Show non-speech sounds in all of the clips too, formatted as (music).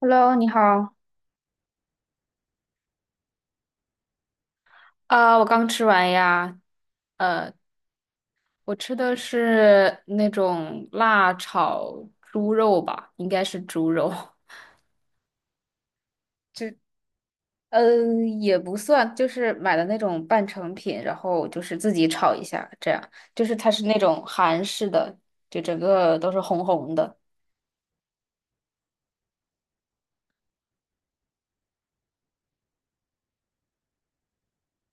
Hello，你好。啊我刚吃完呀。呃，我吃的是那种辣炒猪肉吧，应该是猪肉。(laughs) 就嗯，也不算，就是买的那种半成品，然后就是自己炒一下，这样。就是它是那种韩式的，就整个都是红红的。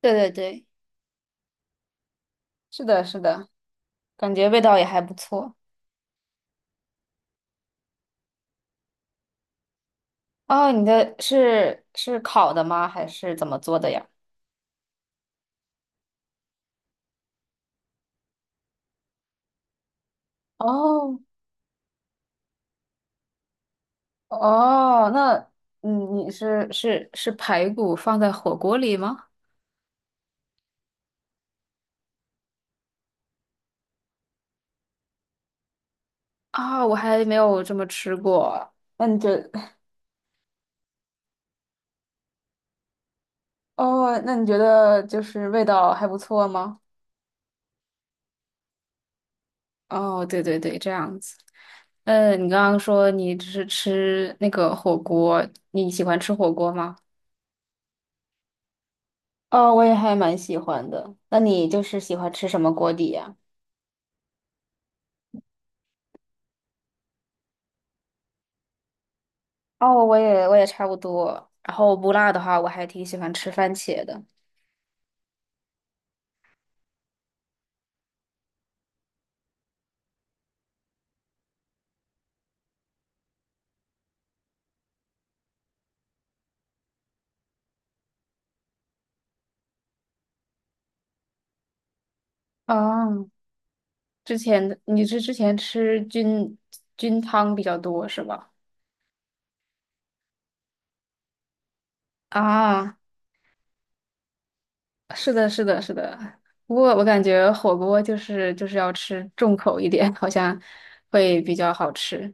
对对对，是的，是的，感觉味道也还不错。哦，你的是烤的吗？还是怎么做的呀？哦，哦，那嗯，你是排骨放在火锅里吗？啊、我还没有这么吃过。那你觉得，哦，那你觉得就是味道还不错吗？哦，对对对，这样子。嗯，你刚刚说你只是吃那个火锅，你喜欢吃火锅吗？哦，我也还蛮喜欢的。那你就是喜欢吃什么锅底呀？哦，我也差不多。然后不辣的话，我还挺喜欢吃番茄的。哦，之前你是之前吃菌菌汤比较多是吧？啊，是的，是的，是的。不过我感觉火锅就是要吃重口一点，好像会比较好吃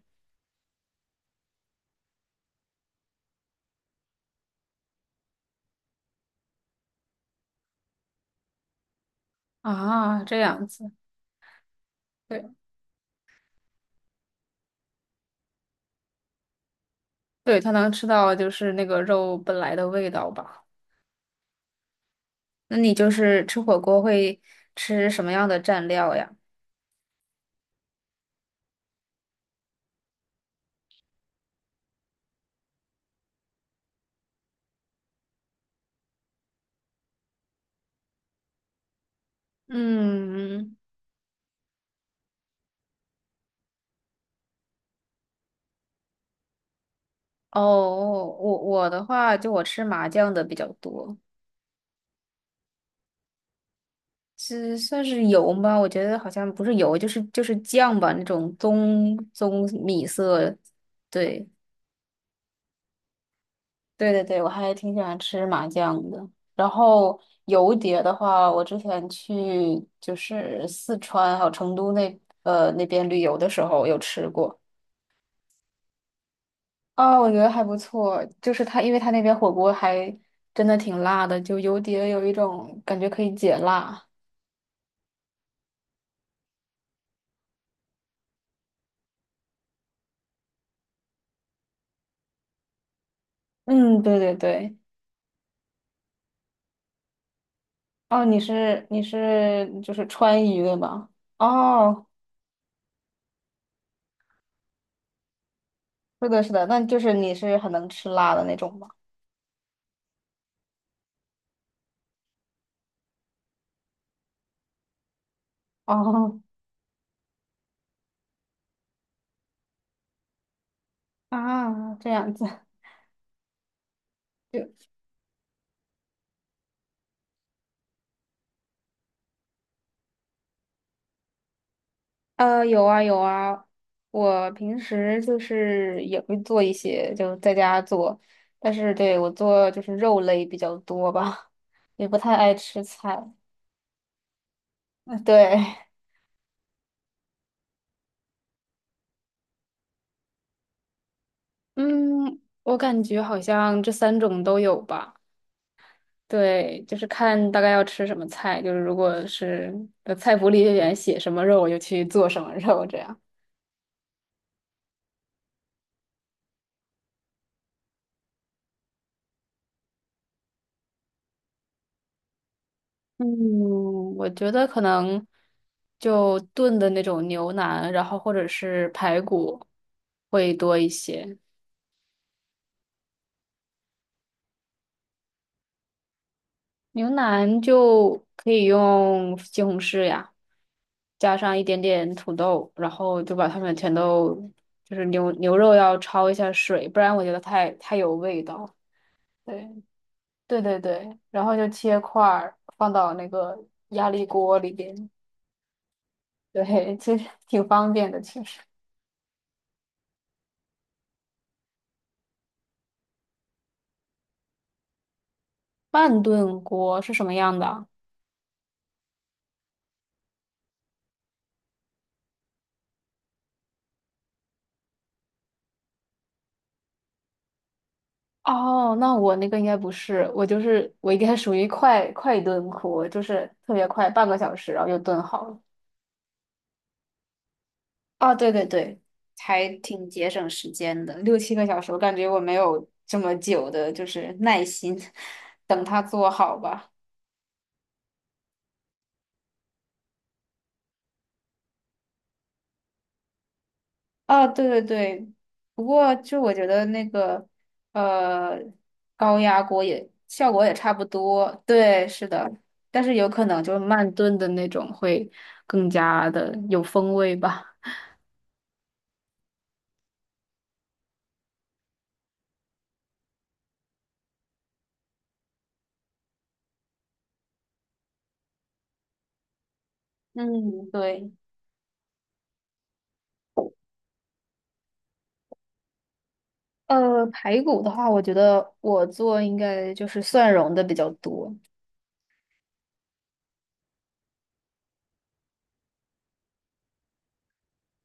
啊。这样子，对对，它能吃到就是那个肉本来的味道吧。那你就是吃火锅会吃什么样的蘸料呀？嗯，哦，我我的话，就我吃麻酱的比较多。是算是油吧，我觉得好像不是油，就是酱吧，那种棕棕米色。对对对对，我还挺喜欢吃麻酱的。然后油碟的话，我之前去就是四川还有成都那那边旅游的时候有吃过啊，我觉得还不错。就是它，因为它那边火锅还真的挺辣的，就油碟有一种感觉可以解辣。嗯，对对对。哦，你是就是川渝的吗？哦，是的，是的，那就是你是很能吃辣的那种吗？哦 (laughs) 啊，这样子，就呃有啊有啊，我平时就是也会做一些，就在家做，但是对我做就是肉类比较多吧，也不太爱吃菜。嗯对，嗯，我感觉好像这三种都有吧。对，就是看大概要吃什么菜，就是如果是菜谱里面写什么肉，我就去做什么肉这样。嗯，我觉得可能就炖的那种牛腩，然后或者是排骨会多一些。牛腩就可以用西红柿呀，加上一点点土豆，然后就把它们全都就是牛牛肉要焯一下水，不然我觉得太太有味道。对。对对对，然后就切块儿放到那个压力锅里边，对，(laughs) 其实挺方便的。其实慢炖锅是什么样的啊哦，那我那个应该不是，我就是我应该属于快快炖锅，就是特别快，半个小时然后就炖好了。哦，对对对，还挺节省时间的，六七个小时，我感觉我没有这么久的，就是耐心 (laughs) 等它做好吧。啊，对对对，不过就我觉得那个呃高压锅也效果也差不多，对，是的，但是有可能就是慢炖的那种会更加的有风味吧。嗯，对。排骨的话，我觉得我做应该就是蒜蓉的比较多，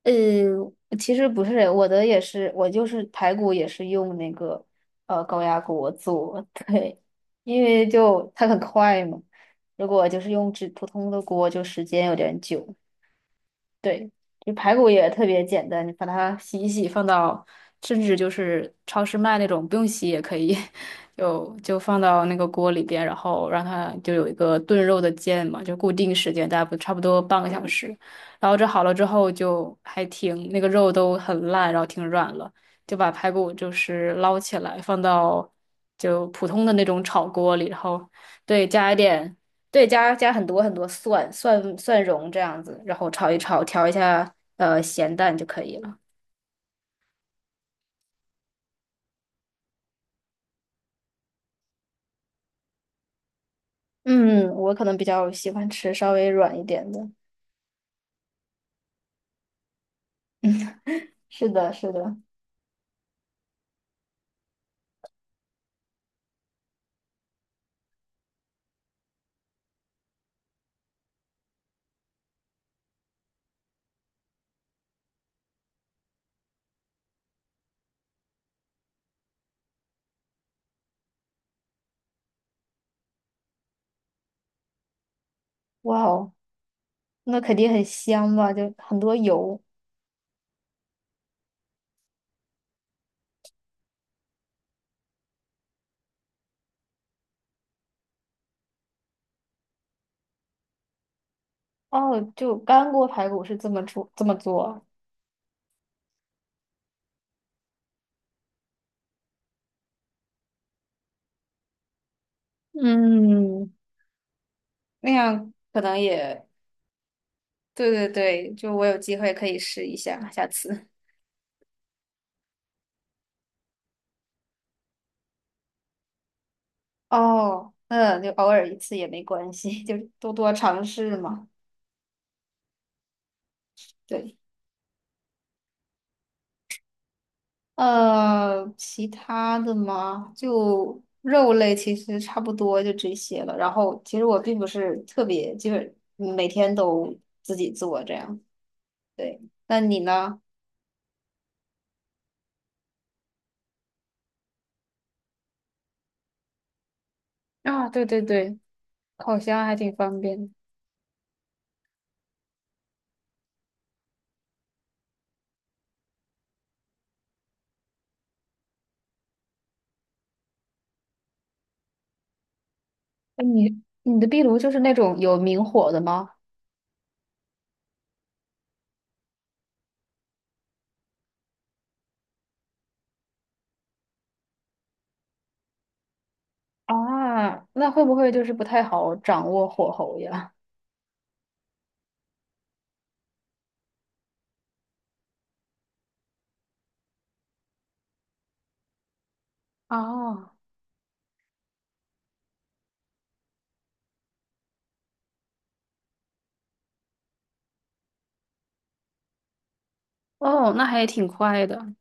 呃，其实不是，我的也是，我就是排骨也是用那个高压锅做，(laughs) 对，因为就它很快嘛。如果就是用只普通的锅，就时间有点久。对，就排骨也特别简单，你把它洗一洗，放到甚至就是超市卖那种不用洗也可以，(laughs) 就放到那个锅里边，然后让它就有一个炖肉的键嘛，就固定时间，大概不差不多半个小时。然后这好了之后就还挺那个肉都很烂，然后挺软了，就把排骨就是捞起来放到就普通的那种炒锅里，然后对加一点。对，加很多很多蒜蓉这样子，然后炒一炒，调一下咸淡就可以了。嗯，我可能比较喜欢吃稍微软一点的。是的，是的。哇哦，那肯定很香吧？就很多油。哦，就干锅排骨是这么做啊。嗯，那样可能也对对对，就我有机会可以试一下，下次。哦，嗯，就偶尔一次也没关系，就多多尝试嘛。对。其他的嘛，就肉类其实差不多就这些了。然后其实我并不是特别，就是每天都自己做这样。对，那你呢？啊，对对对，烤箱还挺方便的。哎你你的壁炉就是那种有明火的吗？啊，那会不会就是不太好掌握火候呀？哦，哦，那还挺快的。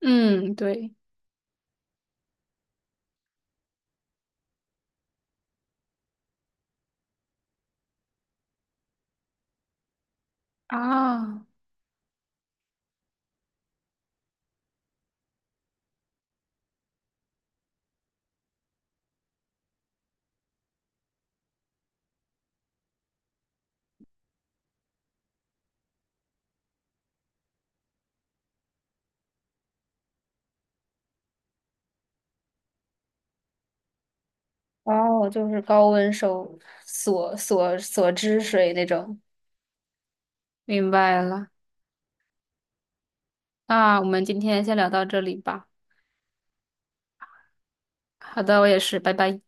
嗯，对。啊。哦，就是高温收锁汁水那种。明白了，那我们今天先聊到这里吧。好的，我也是，拜拜。